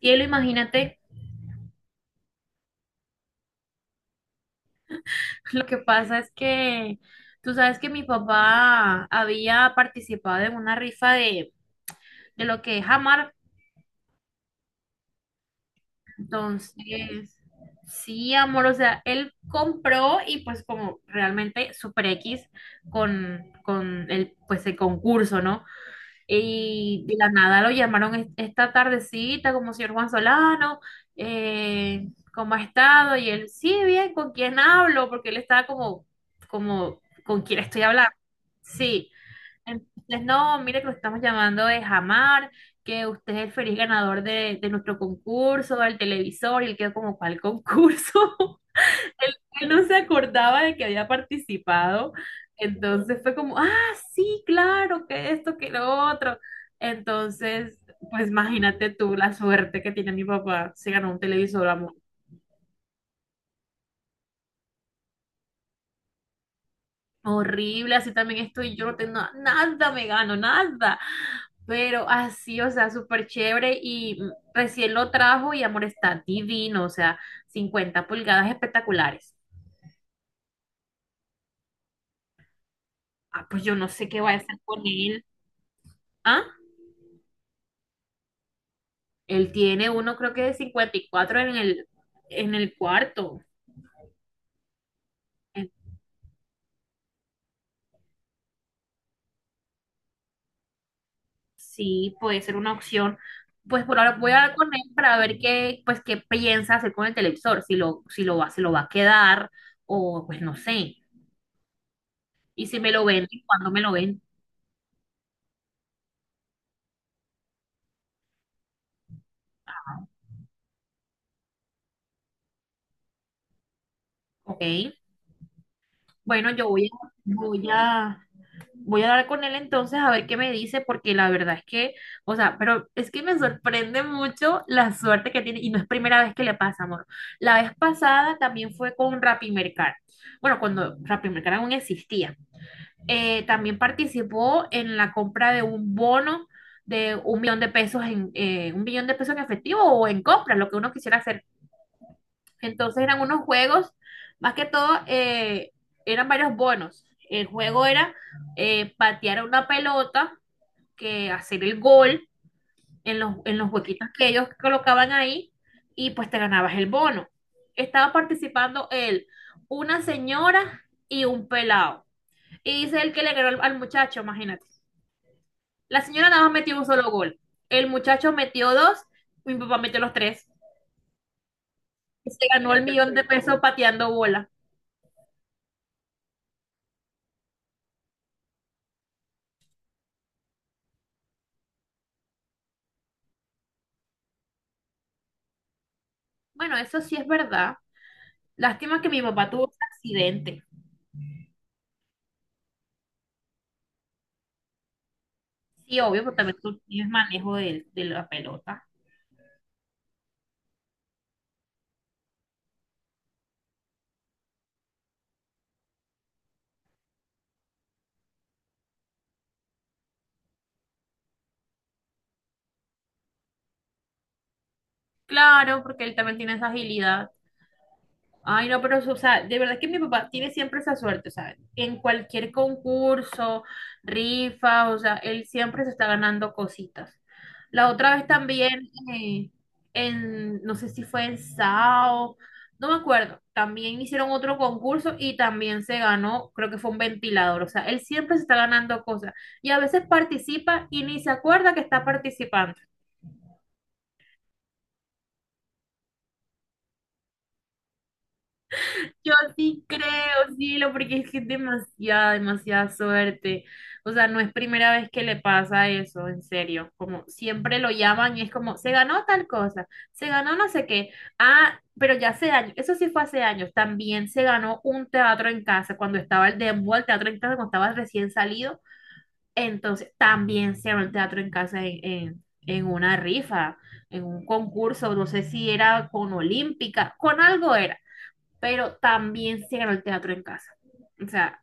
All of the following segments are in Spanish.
Cielo, imagínate, lo que pasa es que tú sabes que mi papá había participado en una rifa de lo que es Amar. Entonces, sí, amor, o sea, él compró y pues como realmente Super X con el, pues el concurso, ¿no? Y de la nada lo llamaron esta tardecita como señor Juan Solano, eh, ¿cómo ha estado? Y él, sí, bien, ¿con quién hablo? Porque él estaba como ¿con quién estoy hablando? Sí. Entonces, no, mire que lo estamos llamando de Jamar, que usted es el feliz ganador de nuestro concurso, del televisor, y él quedó como, ¿cuál concurso? Él, él no se acordaba de que había participado, entonces fue como, ah, sí, claro, que esto, que lo otro. Entonces, pues imagínate tú la suerte que tiene mi papá, se ganó un televisor, amor. Horrible, así también estoy, yo no tengo nada, me gano, nada. Pero así, o sea, súper chévere y recién lo trajo y amor está divino, o sea, 50 pulgadas espectaculares. Ah, pues yo no sé qué voy a hacer con él. ¿Ah? Él tiene uno, creo que de 54 en en el cuarto. Eh, Sí, puede ser una opción. Pues por ahora voy a hablar con él para ver qué, pues, qué piensa hacer con el televisor, si lo va, se lo va a quedar o pues no sé. Y si me lo venden, ¿cuándo me lo ven? Ok. Bueno, yo voy a, voy a hablar con él entonces a ver qué me dice, porque la verdad es que, o sea, pero es que me sorprende mucho la suerte que tiene, y no es primera vez que le pasa, amor. La vez pasada también fue con Rappi Mercado. Bueno, cuando Rappi Mercado aún existía. También participó en la compra de un bono de $1.000.000 en $1.000.000 en efectivo o en compras, lo que uno quisiera hacer. Entonces eran unos juegos, más que todo, eran varios bonos. El juego era patear una pelota, que hacer el gol en en los huequitos que ellos colocaban ahí y pues te ganabas el bono. Estaba participando él, una señora y un pelado. Y dice el que le ganó al muchacho, imagínate. La señora nada más metió un solo gol. El muchacho metió dos, mi papá metió los tres. Y se ganó el millón de pesos pateando bola. Bueno, eso sí es verdad. Lástima que mi papá tuvo un accidente. Sí, obvio, porque también tú tienes manejo de la pelota. Claro, porque él también tiene esa agilidad. Ay, no, pero, o sea, de verdad que mi papá tiene siempre esa suerte, o sea, en cualquier concurso, rifa, o sea, él siempre se está ganando cositas. La otra vez también, no sé si fue en SAO, no me acuerdo, también hicieron otro concurso y también se ganó, creo que fue un ventilador, o sea, él siempre se está ganando cosas y a veces participa y ni se acuerda que está participando. Yo sí creo, cielo, porque es que es demasiada, demasiada suerte. O sea, no es primera vez que le pasa eso, en serio. Como siempre lo llaman y es como, se ganó tal cosa, se ganó no sé qué. Ah, pero ya hace años, eso sí fue hace años. También se ganó un teatro en casa cuando estaba el demo, el teatro en casa, cuando estaba recién salido. Entonces, también se ganó el teatro en casa en una rifa, en un concurso, no sé si era con Olímpica, con algo era pero también se ganó el teatro en casa. O sea,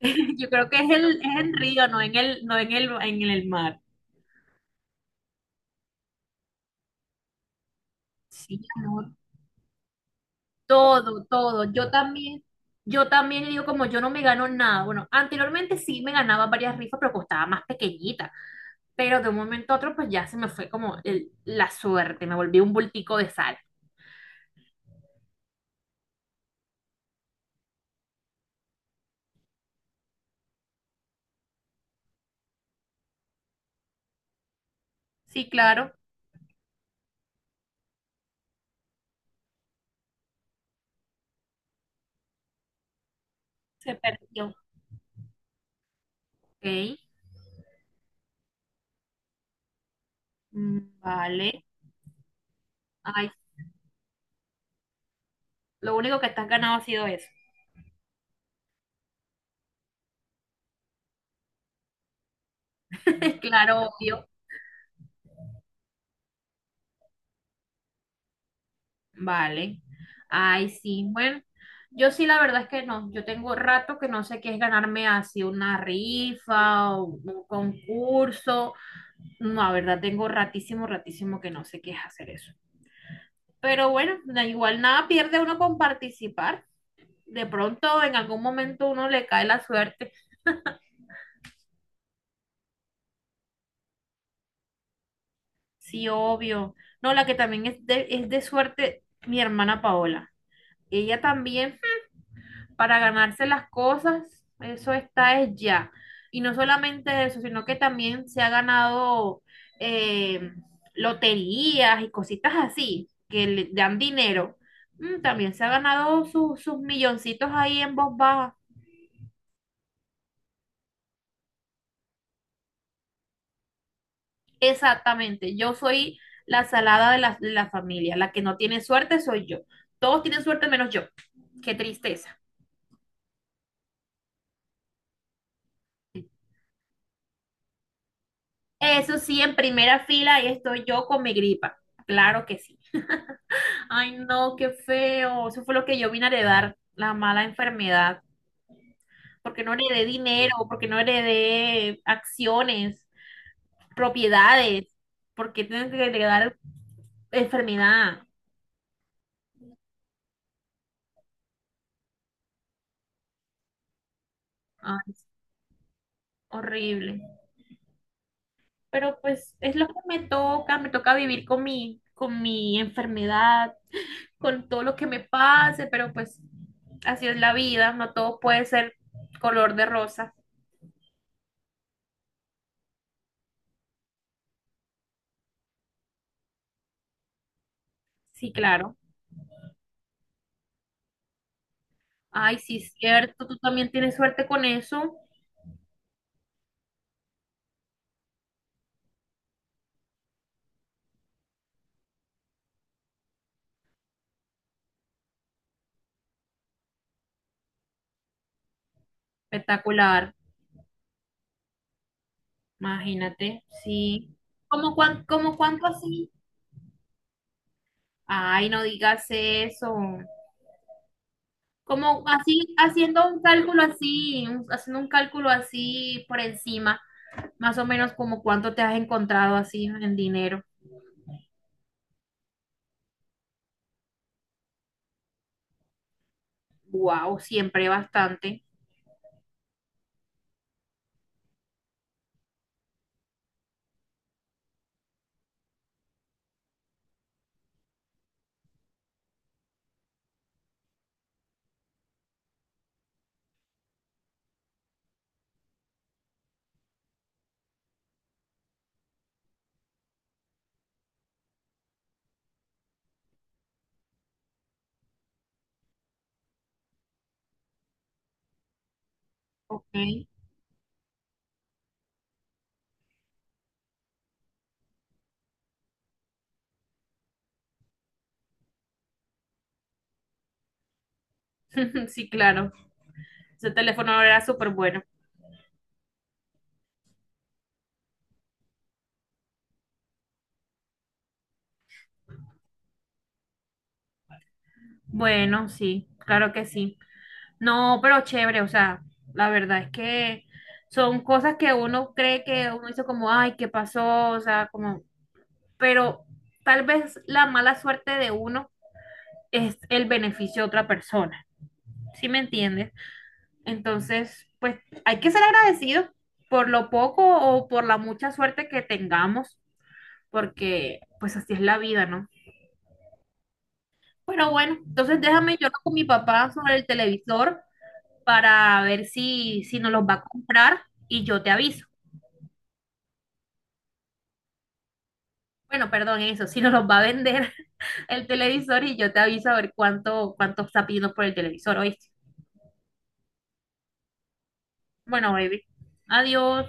yo creo que es, el, es en Río, no en el, en el mar. Sí, ganó todo, todo. Yo también digo como yo no me gano nada. Bueno, anteriormente sí me ganaba varias rifas, pero costaba más pequeñita. Pero de un momento a otro, pues ya se me fue como la suerte, me volví un bultico de sal. Sí, claro, se perdió. Ok, mm, vale. Ay, lo único que te has ganado ha sido eso. Claro, obvio. Vale. Ay, sí. Bueno, yo sí la verdad es que no. Yo tengo rato que no sé qué es ganarme así una rifa o un concurso. No, la verdad tengo ratísimo, ratísimo que no sé qué es hacer eso. Pero bueno, da igual nada pierde uno con participar. De pronto en algún momento uno le cae la suerte. Sí, obvio. No, la que también es es de suerte, mi hermana Paola. Ella también para ganarse las cosas, eso está es ya. Y no solamente eso, sino que también se ha ganado eh, loterías y cositas así, que le dan dinero. Mm, también se ha ganado sus milloncitos ahí en voz baja. Exactamente, yo soy la salada de la familia, la que no tiene suerte soy yo. Todos tienen suerte menos yo. Qué tristeza. Eso sí, en primera fila ahí estoy yo con mi gripa. Claro que sí. Ay, no, qué feo. Eso fue lo que yo vine a heredar, la mala enfermedad. Porque no heredé dinero, porque no heredé acciones, propiedades. Porque tienes que heredar enfermedad. Ay, horrible. Pero pues es lo que me toca vivir con mi enfermedad, con todo lo que me pase, pero pues así es la vida, no todo puede ser color de rosa. Sí, claro. Ay, sí, es cierto, tú también tienes suerte con eso. Espectacular, imagínate, sí. ¿Cómo, cuán, cómo cuánto así? Ay, no digas eso. Como así, haciendo un cálculo así, haciendo un cálculo así por encima, más o menos como cuánto te has encontrado así en dinero. Wow, siempre bastante. Ok, sí, claro. Ese teléfono era súper bueno. Bueno, sí, claro que sí. No, pero chévere, o sea, la verdad es que son cosas que uno cree que uno dice como, ay, ¿qué pasó? O sea, como, pero tal vez la mala suerte de uno es el beneficio de otra persona, ¿sí me entiendes? Entonces, pues hay que ser agradecidos por lo poco o por la mucha suerte que tengamos, porque pues así es la vida, ¿no? Pero bueno, entonces déjame yo hablo con mi papá sobre el televisor para ver si nos los va a comprar y yo te aviso. Bueno, perdón, eso, si no los va a vender el televisor y yo te aviso a ver cuánto, cuánto está pidiendo por el televisor, ¿oíste? Bueno, baby, adiós.